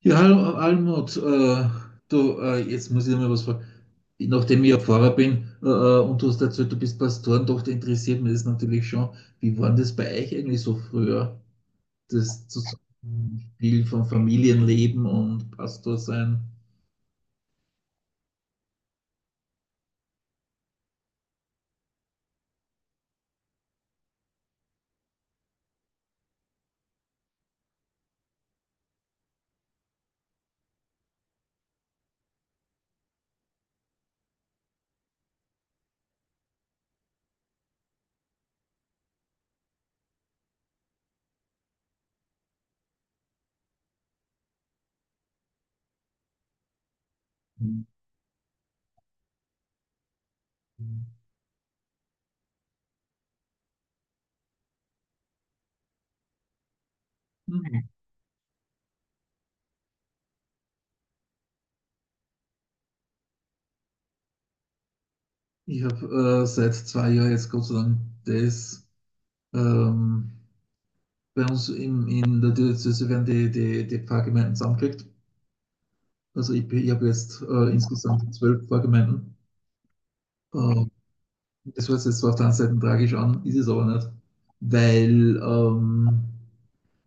Ja, hallo Almut, du, jetzt muss ich dir mal was fragen. Nachdem ich ja Pfarrer bin, und du hast erzählt, du bist Pastorentochter, interessiert mich das natürlich schon. Wie war denn das bei euch eigentlich so früher? Das Zusammenspiel von Familienleben und Pastor sein? Hm. Ich habe seit zwei Jahren jetzt, Gott sei Dank, das ähm, bei uns in, der Diözese werden die Pfarrgemeinden zusammengelegt. Also ich habe jetzt insgesamt 12 Pfarrgemeinden. Ähm, Das hört sich jetzt zwar auf der einen Seite tragisch an, ist es aber nicht, weil, ähm,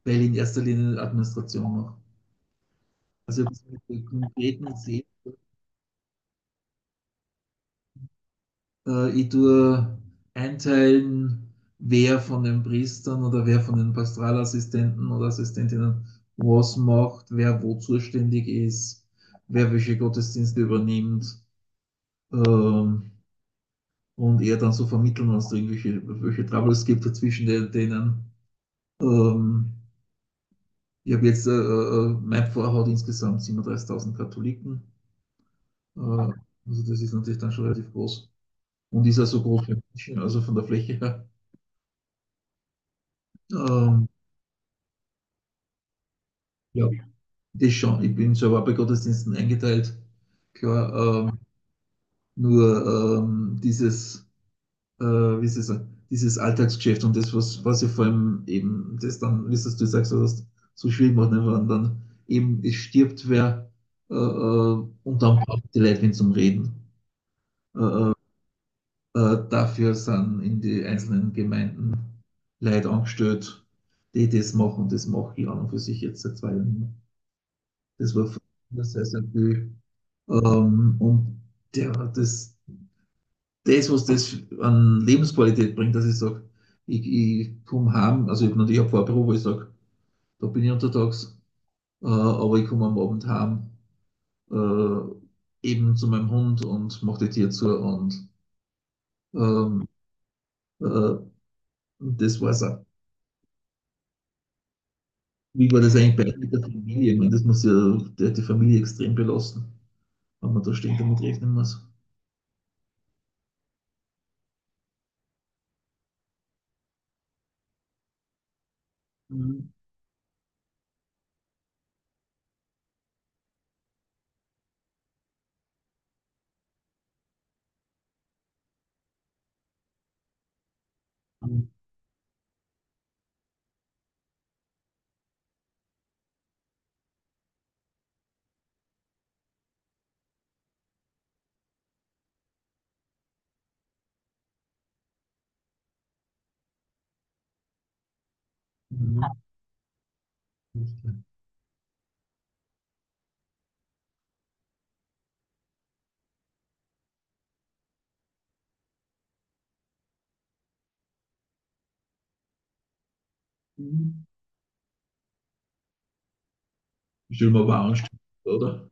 weil ich in erster Linie Administration mache. Also was ich habe mit konkreten gesehen, ich tue einteilen, wer von den Priestern oder wer von den Pastoralassistenten oder Assistentinnen was macht, wer wo zuständig ist, wer welche Gottesdienste übernimmt. Ähm, und eher dann so vermitteln, wenn es da irgendwelche welche Troubles gibt zwischen denen. Ähm, Mein Pfarrer hat insgesamt 37.000 Katholiken. Also das ist natürlich dann schon relativ groß. Und ist auch so groß wie München, also von der Fläche her. Ähm, ja, das schon. Ich bin selber bei Gottesdiensten eingeteilt. Klar, nur dieses, wie soll ich sagen, dieses Alltagsgeschäft und das, was ja vor allem eben, das dann, wie es du sagst, was so schwierig macht, ne, wenn dann eben es stirbt wer, und dann braucht die Leute wen zum Reden. Äh, äh, Dafür sind in die einzelnen Gemeinden Leute angestellt, die das machen. Das mache ich an und für sich jetzt seit zwei Jahren nicht mehr. Das war früher sehr, sehr viel. Und der, das, das, was das an Lebensqualität bringt, dass ich sage, ich komme heim, also ich habe natürlich ein Fahrbüro, wo ich sage, da bin ich untertags, aber ich komme am Abend heim, äh, eben zu meinem Hund und mache die Tür zu und ähm, äh, das war's auch. Wie war das eigentlich bei euch mit der Familie? Ich meine, das muss ja, der hat die Familie extrem belasten, wenn man da ständig damit rechnen muss. Mhm. Mhm. Mhm. Ich stelle mir aber auch anstrengend vor, oder?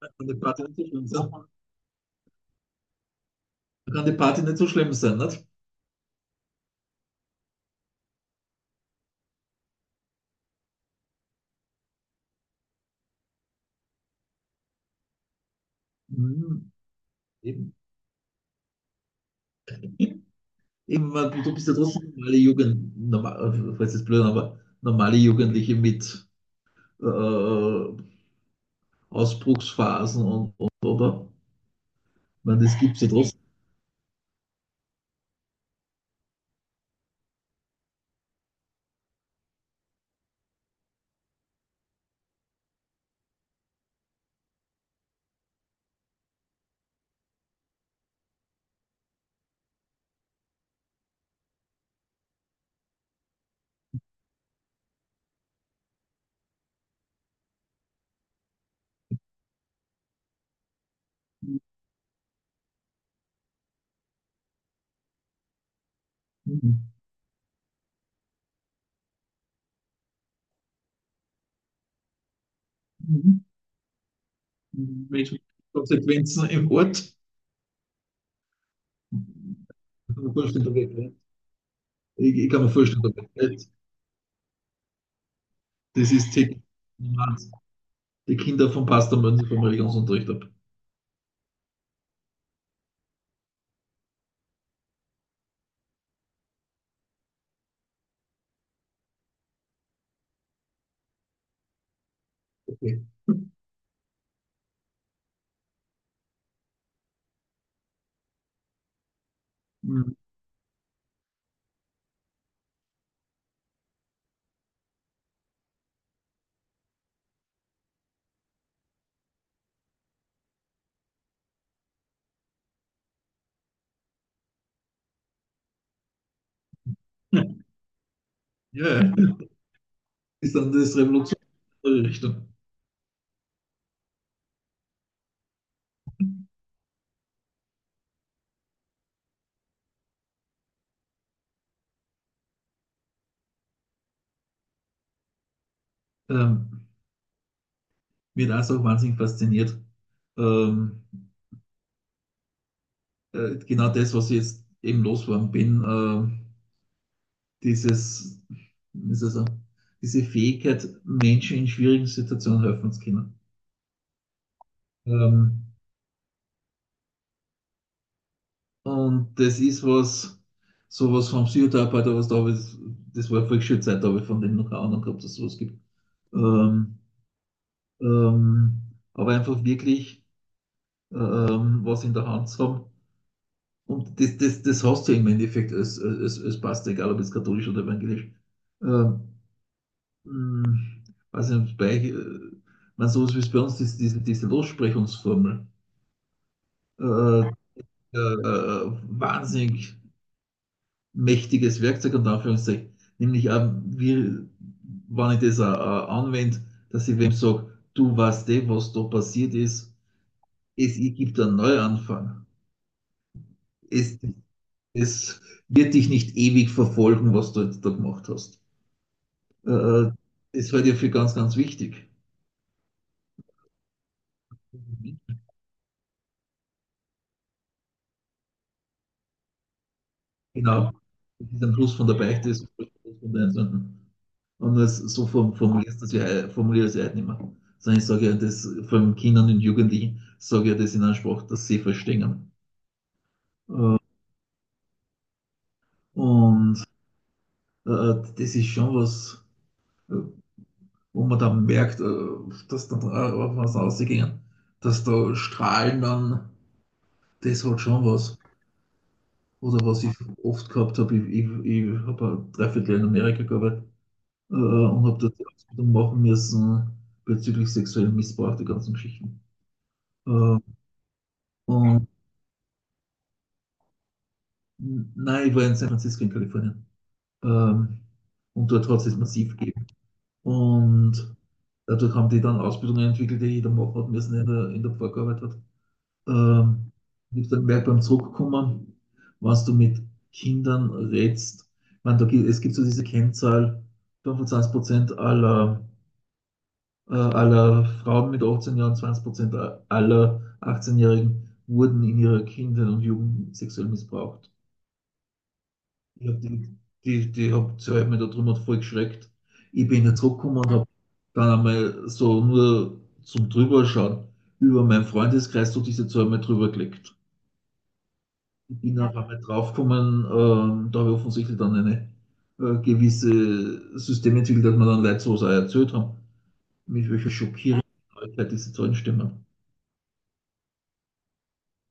Da kann die Party nicht so schlimm sein. Da kann die Party nicht so schlimm sein, nicht? Mhm. Eben. Eben, du bist ja trotzdem normale Jugend, normal, falls jetzt blöd, aber normale Jugendliche mit äh, Ausbruchsphasen und, oder? Ich meine, das gibt es ja trotzdem. Mhm. Mhm. Menschliche Konsequenzen im Ort. Ich kann mir vorstellen, da wird, ja, ich kann mir vorstellen, da wird. Das ist täglich, die Kinder vom Pastor müssen sich vom Religionsunterricht ab. Okay. Mhm. Ja, ja. Das ist dann das revolutionäre Richtung. Ähm, Mir hat das auch so wahnsinnig fasziniert. Ähm, genau das, was ich jetzt eben losgeworden bin, dieses, wie soll ich, diese Fähigkeit, Menschen in schwierigen Situationen helfen zu können. Ähm, Und das ist was, sowas vom Psychotherapeuten, was da habe ich, das war vor schöne Zeit, da habe ich von dem noch keine Ahnung gehabt, dass es sowas gibt. Ähm, ähm, aber einfach wirklich was in der Hand haben. Und das hast du im Endeffekt als Pastor, egal ob jetzt katholisch oder evangelisch. Ähm, hm, Weiß nicht, bei man sowas wie es bei uns ist, diese Lossprechungsformel. Äh, Wahnsinnig mächtiges Werkzeug, unter Anführungszeichen. Nämlich, auch, wie, wenn ich das auch anwende, dass ich wem sage, du weißt eh, was da passiert ist, es gibt einen Neuanfang. Es, es wird dich nicht ewig verfolgen, was du jetzt da gemacht hast. Äh, äh, Das halte ich für ganz, ganz wichtig. Genau. Das ist ein Plus von der Beichte, das ist ein Plus von der Sünden. Und das, so formulierst du es ja, formuliere ich es ja heute nicht mehr. Sondern ich sage ja das von Kindern und Jugendlichen, sage ja das in einer Sprache, dass sie verstehen. Äh, Und das ist schon was, äh, wo man dann merkt, dass dann auf was rausgehen, dass da Strahlen dann, das hat schon was. Oder was ich oft gehabt habe, ich habe ein Dreiviertel Jahr in Amerika gearbeitet, und habe dort die Ausbildung machen müssen bezüglich sexuellen Missbrauch, die ganzen Geschichten. Äh, und nein, ich war in San Francisco in Kalifornien. Ähm, und dort hat es massiv gegeben. Und dadurch haben die dann Ausbildungen entwickelt, die jeder machen hat müssen, der in der Pfarrgearbeit hat. Ähm, Ich habe dann gemerkt beim Zurückkommen, was du mit Kindern redst. Ich meine, es gibt so diese Kennzahl, 25% aller aller Frauen mit 18 Jahren, 20% aller 18-Jährigen-Jährigen wurden in ihrer Kindheit und Jugend sexuell missbraucht. Ich hab die, die hat mich da drüber voll geschreckt. Ich bin jetzt zurückgekommen und habe dann einmal so nur zum Drüberschauen über meinen Freundeskreis so diese zwei Mal drüber gelegt. Ich bin auf einmal draufgekommen, da habe ich offensichtlich dann eine gewisse System entwickelt, dass man dann Leute sowas auch erzählt haben, mit welcher schockierenden Neuigkeit diese Zahlen stimmen.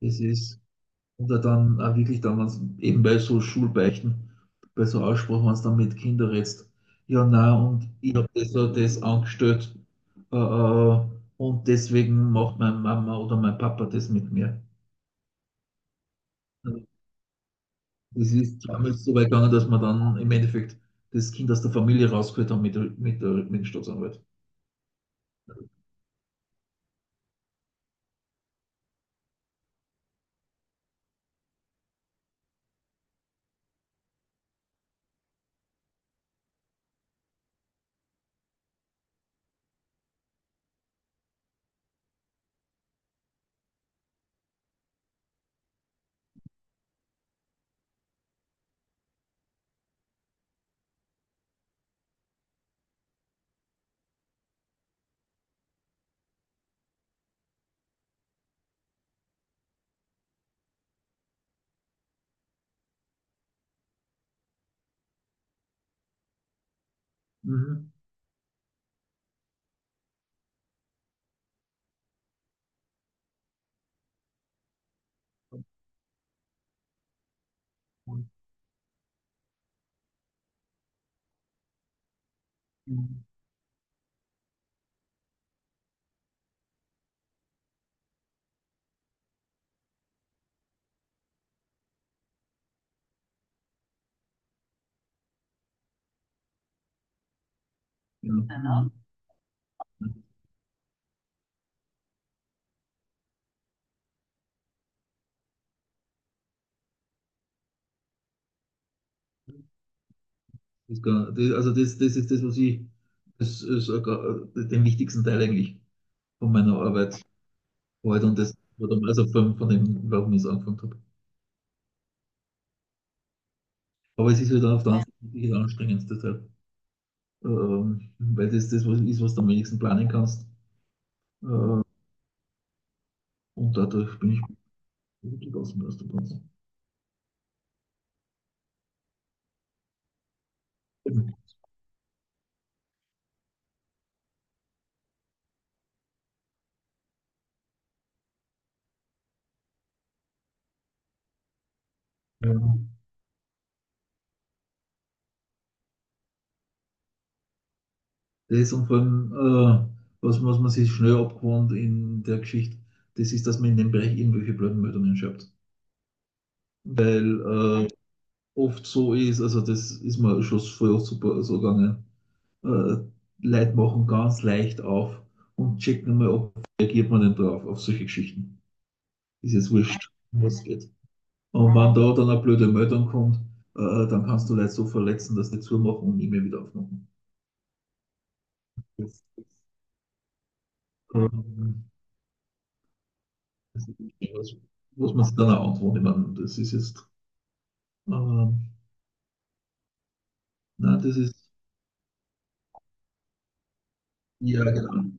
Das ist, und dann auch wirklich dann, wenn's, eben bei so Schulbeichten, bei so Aussprachen, wenn es dann mit Kindern redst, ja, na und ich habe das, und das angestellt, äh, äh, und deswegen macht meine Mama oder mein Papa das mit mir. Das ist damals so weit gegangen, dass man dann im Endeffekt das Kind aus der Familie rausgeholt haben mit dem Staatsanwalt. Mhm. Ja. Genau. Also das, das ist das, was ich, das ist den wichtigsten Teil eigentlich von meiner Arbeit heute, und das war dann, also, von dem, warum ich es angefangen habe. Aber es ist halt dann auf der, ja, anderen Seite wirklich anstrengend, deshalb, weil das das was ist, was du am wenigsten planen kannst. Äh, und dadurch bin ich gut gelassen aus dem Ganzen. Ähm, Das und vor allem, was man sich schnell abgewohnt in der Geschichte, das ist, dass man in dem Bereich irgendwelche blöden Meldungen schreibt. Weil oft so ist, also das ist mir schon früher super so gegangen, äh, Leute machen ganz leicht auf und checken mal, ob reagiert man denn drauf, auf solche Geschichten. Ist jetzt wurscht, um was es geht. Und wenn da dann eine blöde Meldung kommt, dann kannst du Leute so verletzen, dass die zumachen und nie mehr wieder aufmachen. Das, ähm, das ist nicht was, was man sich dann auch antworten. Ich meine, das ist jetzt, ähm, nein, das ist, ja, genau.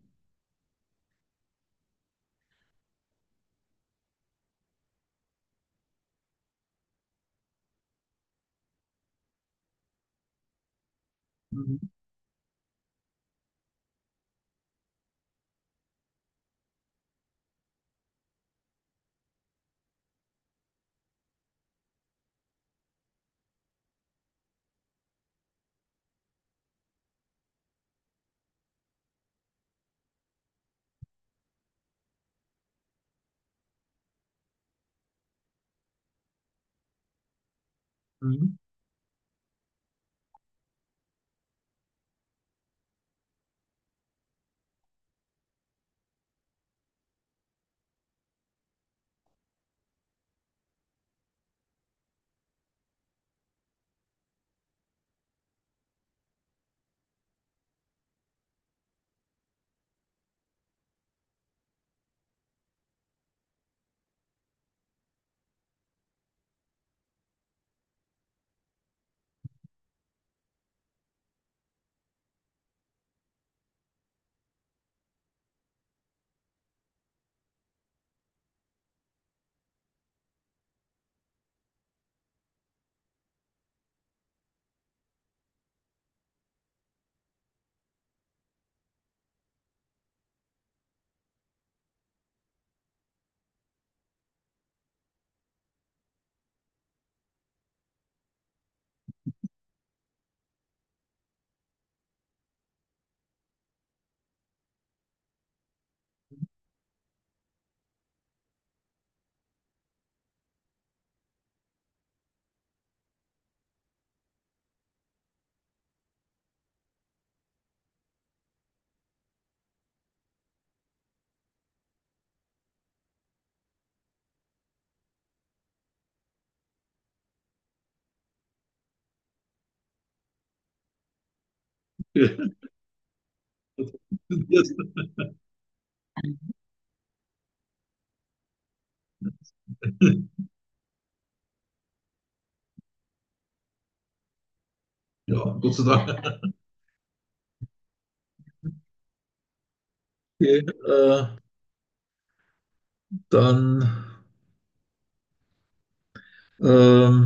Mhm. Mhm. Ja, Gott sei Dank. Okay, äh, dann ähm,